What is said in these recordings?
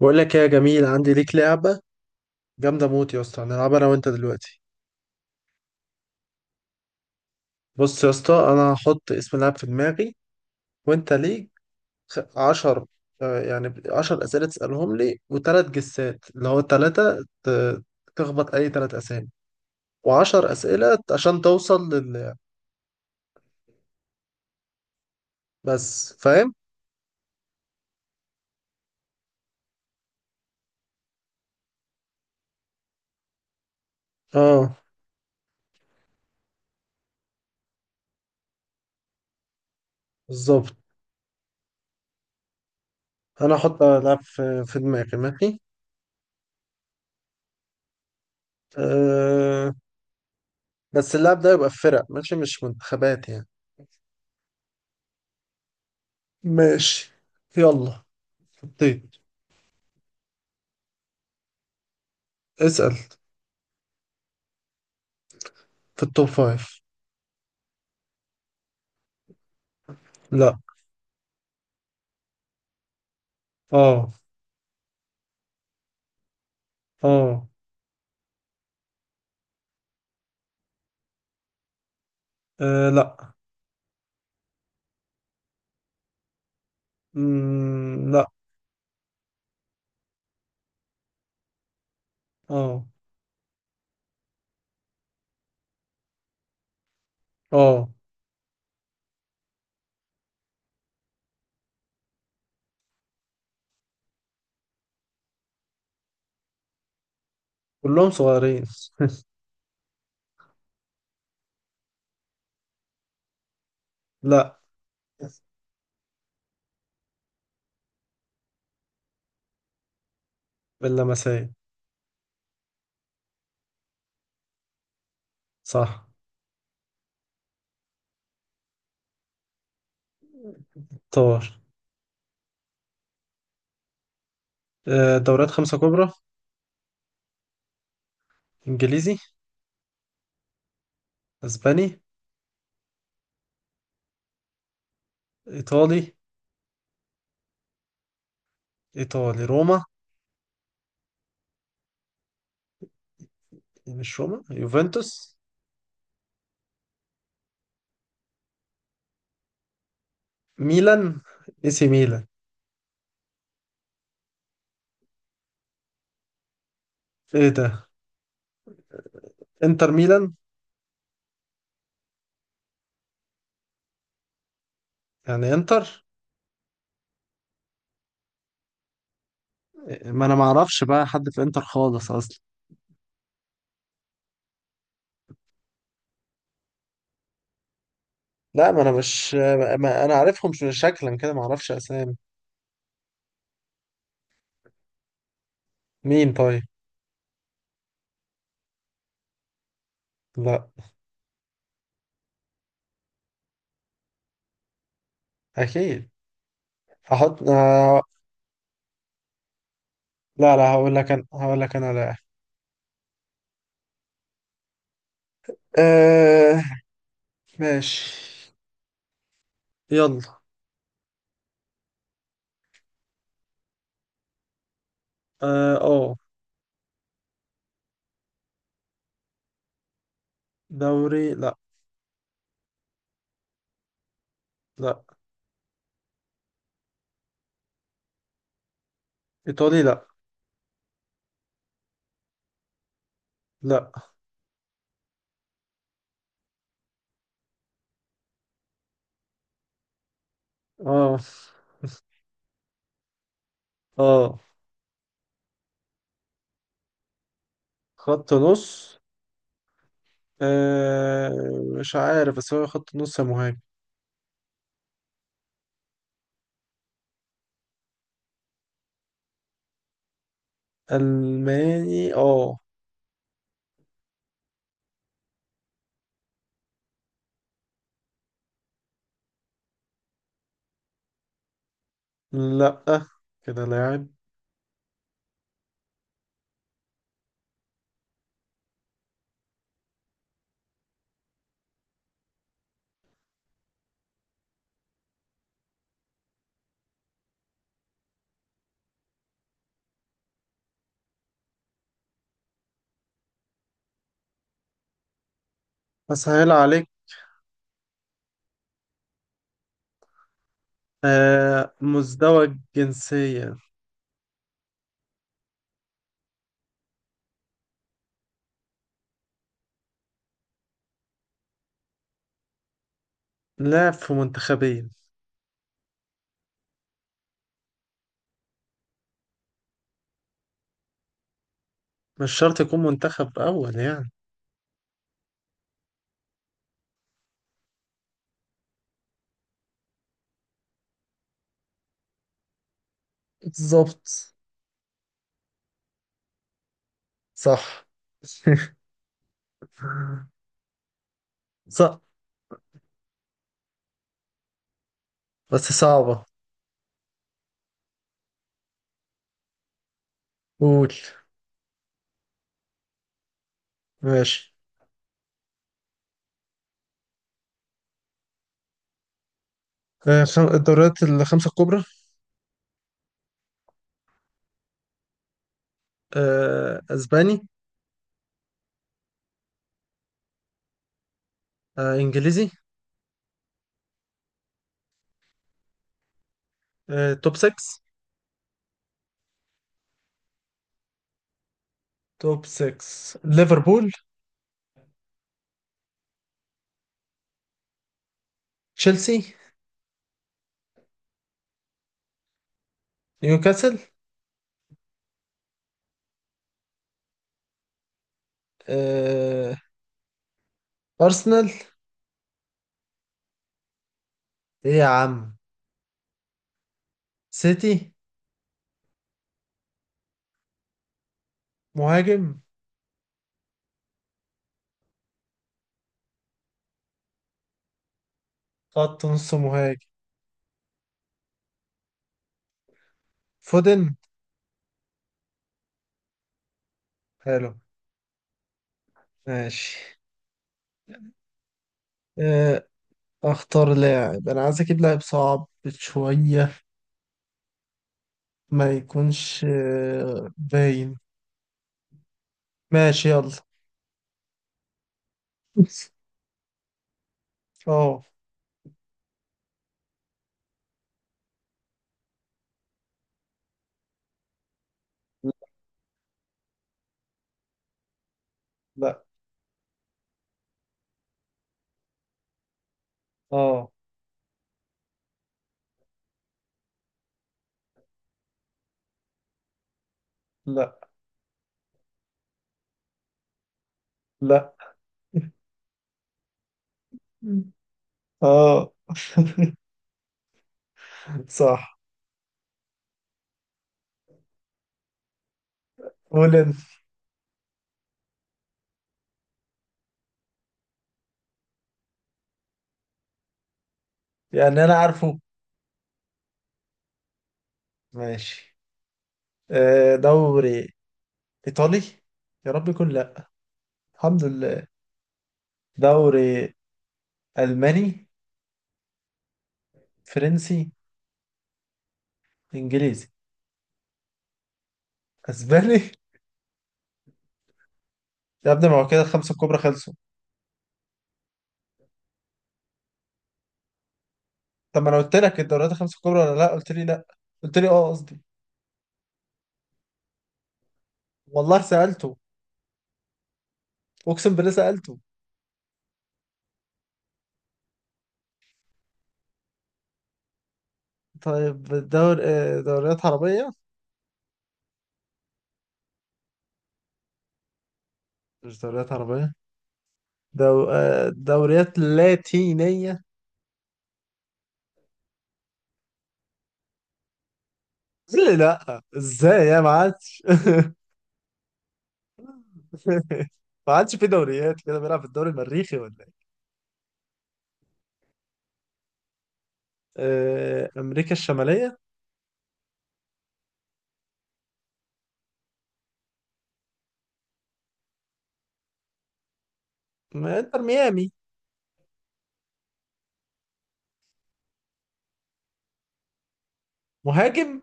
بقول لك إيه يا جميل، عندي ليك لعبة جامدة موت يا اسطى هنلعبها انا وانت دلوقتي. بص يا اسطى، انا هحط اسم لعب في دماغي وانت ليك عشر. يعني عشر اسئلة تسألهم لي وتلات جسات اللي هو تلاتة تخبط اي تلات اسامي، وعشر اسئلة عشان توصل لل بس، فاهم؟ اه، بالظبط. انا هحط لعب في دماغي، ماشي؟ أه. بس اللعب ده يبقى في فرق ماشي، مش منتخبات يعني. ماشي. يلا. حطيت. اسأل. في التوب فايف. لا. اه. اه. آه، لا. لا. اه. اه. كلهم صغيرين. لا. اللمسية. صح. طار. آه، دوريات خمسة كبرى. انجليزي. اسباني. ايطالي. ايطالي روما. إيه، مش روما، يوفنتوس. ميلان، اي سي ميلان. ايه ده، انتر ميلان. يعني انتر. ما انا ما اعرفش بقى حد في انتر خالص اصلا. لا، ما انا مش، ما انا عارفهم شكلا كده ما اعرفش اسامي. مين طيب. لا. اكيد. هحط لا لا، هقول لك انا، هقول لك انا لاعب. آه... ماشي. يلا. اه، أوه. دوري لا. لا. ايطالي لا. لا. اه. اه. خط نص. آه... مش عارف، بس هو خط نص يا مهاجم. الماني اه. لا، كده لاعب. اسهل عليك. مزدوج جنسيا. لاعب في منتخبين. مش شرط يكون منتخب أول يعني. بالظبط. صح. صح بس صعبة. قول. ماشي. آه، الدوريات الخمسة الكبرى. آه، أسباني. آه، إنجليزي. آه، توب 6. توب 6. ليفربول. تشيلسي. نيوكاسل. آه، أرسنال. إيه يا عم. سيتي. مهاجم. خط نص مهاجم. فودن. حلو. ماشي. آه، اختار لاعب، انا عايز اجيب لاعب صعب شوية، ما يكونش آه، باين. ماشي. يلا. اه. لا. اه. لا لا. اه. صح. قول انت. يعني انا عارفه. ماشي. آه، دوري ايطالي، يا رب يكون. لا. الحمد لله. دوري الماني. فرنسي. انجليزي. اسباني. يا ابني ما هو كده الخمسة الكبرى خلصوا. طب ما انا قلت لك الدوريات الخمس الكبرى ولا لا؟ قلت لي لا. قلت لي اه، قصدي. والله سالته. اقسم بالله سالته. طيب. دور آه، دوريات عربيه. مش دوريات عربيه. آه، دوريات لاتينيه. قال لي لا ازاي يا ما عادش. ما عادش في دوريات كده، بيلعب في الدوري المريخي ولا ايه؟ آه، امريكا الشماليه. ما انتر ميامي. مهاجم.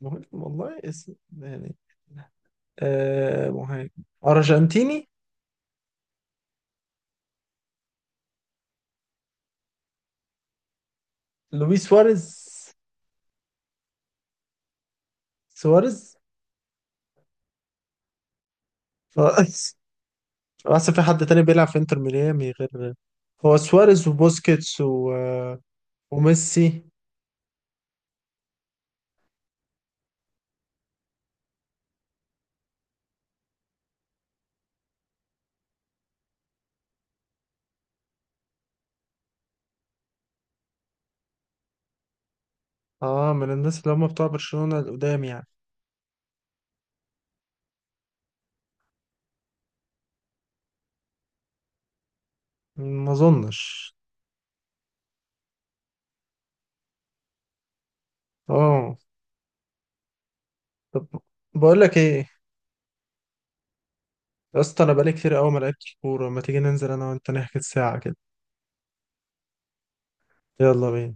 مهاجم والله اسم يعني. آه مهاجم ارجنتيني. لويس سواريز. سواريز. ف- اصل في حد تاني بيلعب في انتر ميامي غير، هو سواريز وبوسكيتس و... وميسي. اه، من الناس اللي هم بتوع برشلونة القدام يعني. ما اظنش. اه. طب. بقول لك ايه، يا اسطى انا بقالي كتير قوي ما لعبتش كوره، ما تيجي ننزل انا وانت نحكي ساعه كده. يلا بينا.